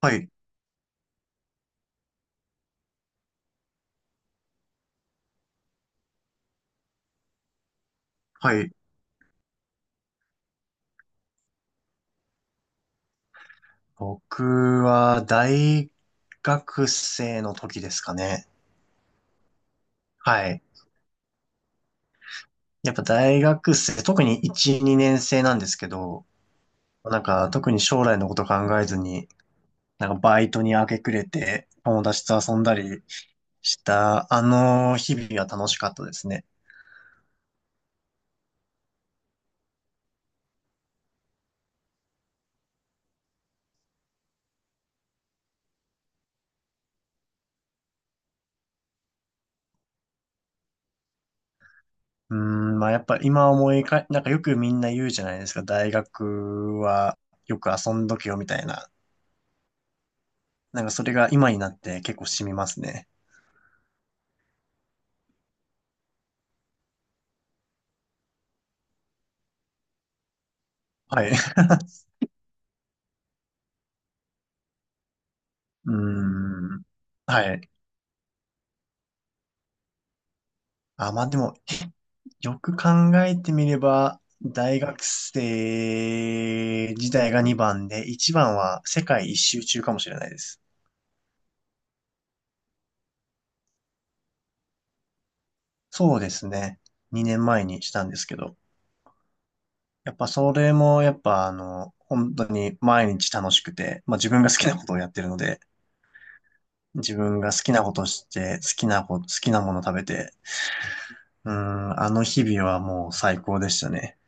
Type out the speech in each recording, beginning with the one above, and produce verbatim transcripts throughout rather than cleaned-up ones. はい、はい。僕は大学生の時ですかね。はい。やっぱ大学生、特にいち、にねん生なんですけど、なんか特に将来のこと考えずに、なんかバイトに明け暮れて友達と遊んだりしたあの日々は楽しかったですね。うーん、まあやっぱ今思いか、なんかよくみんな言うじゃないですか、大学はよく遊んどけよみたいな。なんかそれが今になって結構染みますね。はい。うーん。はい。あ、まあでも、よく考えてみれば、大学生時代がにばんで、いちばんは世界一周中かもしれないです。そうですね。にねんまえにしたんですけど。やっぱそれも、やっぱあの、本当に毎日楽しくて、まあ自分が好きなことをやってるので、自分が好きなことして、好きなこ、好きなもの食べて、うーん、あの日々はもう最高でしたね。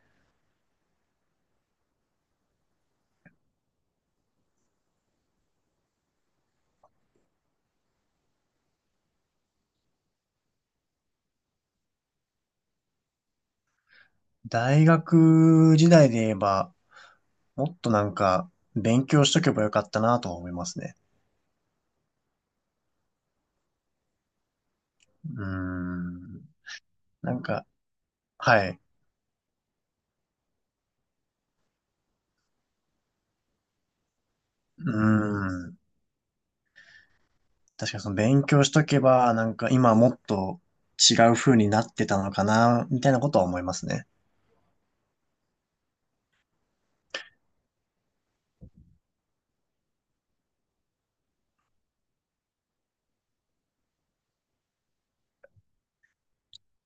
大学時代で言えば、もっとなんか、勉強しとけばよかったなとは思いますね。うーん、なんか、はい。うーん、確かにその勉強しとけば、なんか今もっと違う風になってたのかな、みたいなことは思いますね。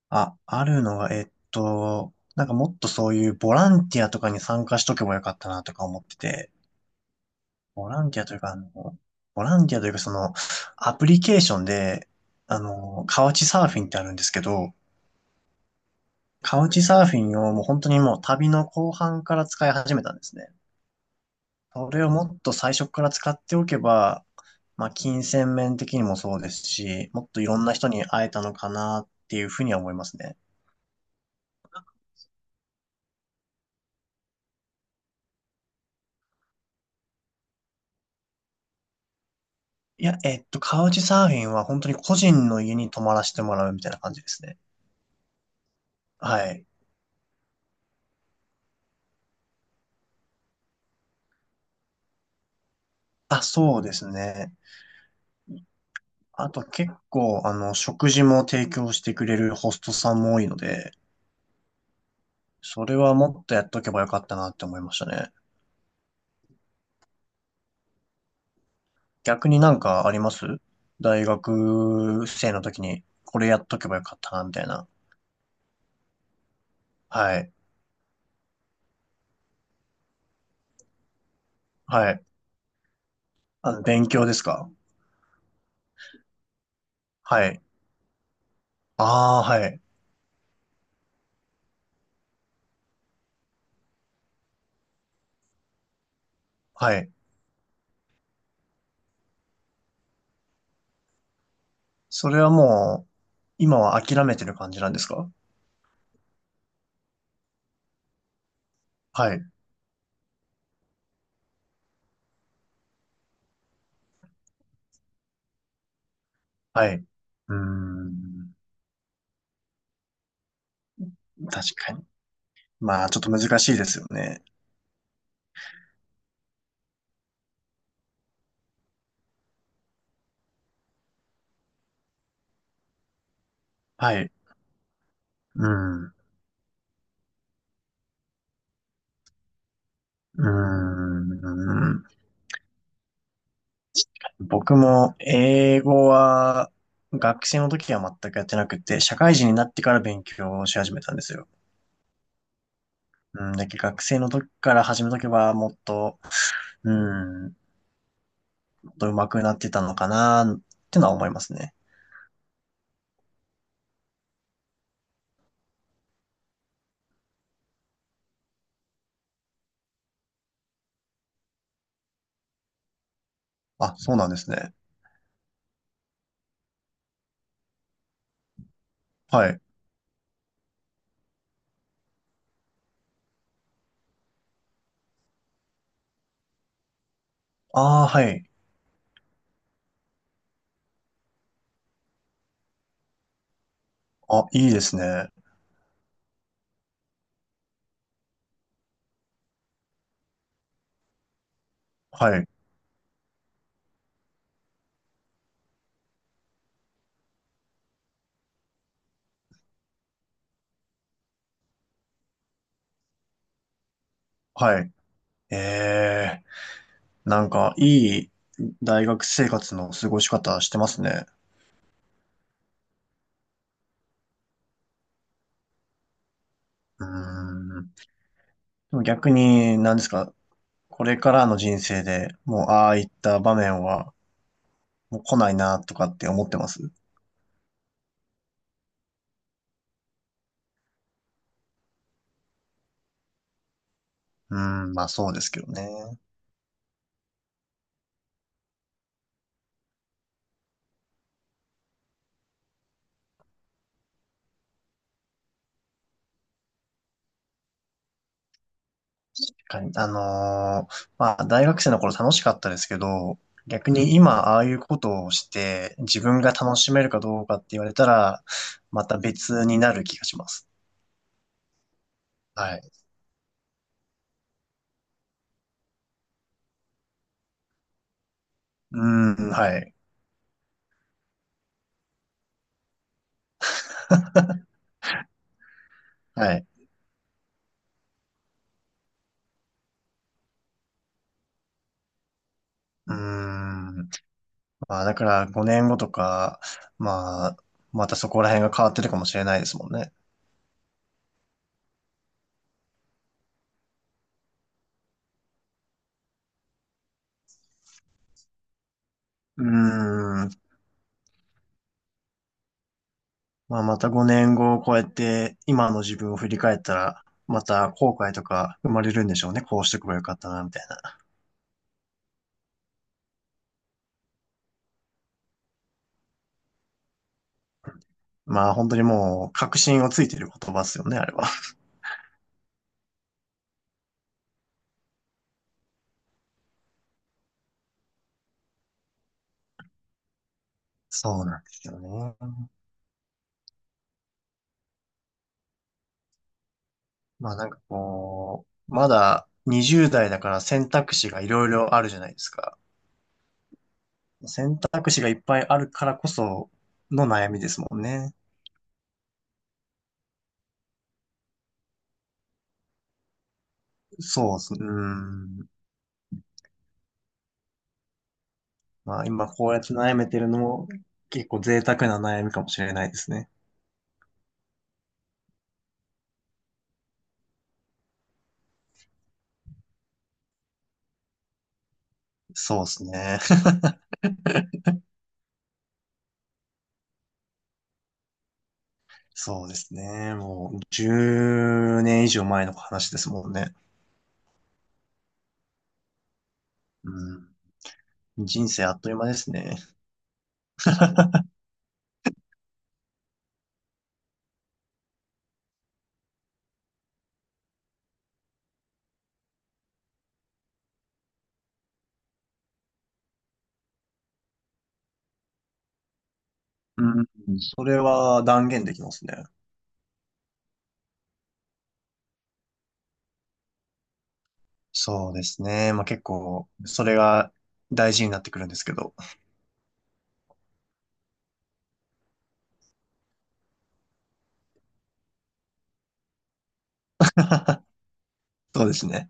あ、あるのは、えっと、なんかもっとそういうボランティアとかに参加しとけばよかったなとか思ってて、ボランティアというか、あの、ボランティアというかその、アプリケーションで、あの、カウチサーフィンってあるんですけど、カウチサーフィンをもう本当にもう旅の後半から使い始めたんですね。それをもっと最初から使っておけば、まあ、金銭面的にもそうですし、もっといろんな人に会えたのかなっていうふうには思いますね。いや、えっと、カウチサーフィンは本当に個人の家に泊まらせてもらうみたいな感じですね。はい。あ、そうですね。あと結構、あの、食事も提供してくれるホストさんも多いので、それはもっとやっとけばよかったなって思いましたね。逆になんかあります？大学生の時にこれやっとけばよかったな、みたいな。はい。はい。あの、勉強ですか？はい。ああ、はい。はい。それはもう、今は諦めてる感じなんですか？はい。はい。うーん。確かに。まあ、ちょっと難しいですよね。はい。うん。うーん。僕も英語は学生の時は全くやってなくて、社会人になってから勉強し始めたんですよ。うん。だけど学生の時から始めとけばもっと、うん、もっと上手くなってたのかなってのは思いますね。あ、そうなんですね。はい。ああ、はい。あ、いいですね。はい。はい。ええ、なんか、いい大学生活の過ごし方してますね。うーん。でも逆に、何ですか、これからの人生でもう、ああいった場面は、もう来ないな、とかって思ってます？うん、まあそうですけどね。確かに。あのーまあ大学生の頃楽しかったですけど、逆に今ああいうことをして自分が楽しめるかどうかって言われたら、また別になる気がします。はい。うん、はい。はい。うん。まあ、だからごねんごとか、まあ、またそこら辺が変わってるかもしれないですもんね。うーん。まあ、またごねんごを超えて今の自分を振り返ったら、また後悔とか生まれるんでしょうね。こうしておけばよかったな、みたいな。まあ、本当にもう確信をついてる言葉ですよね、あれは。そうなんですよね。まあ、なんかこう、まだにじゅう代だから選択肢がいろいろあるじゃないですか。選択肢がいっぱいあるからこその悩みですもんね。そうっすね。うーん。まあ今こうやって悩めてるのも結構贅沢な悩みかもしれないですね。そうですね。そうですね。もうじゅうねん以上前の話ですもんね。うん。人生あっという間ですね。うん。それは断言できますね。そうですね。まあ結構、それが大事になってくるんですけど。そうですね。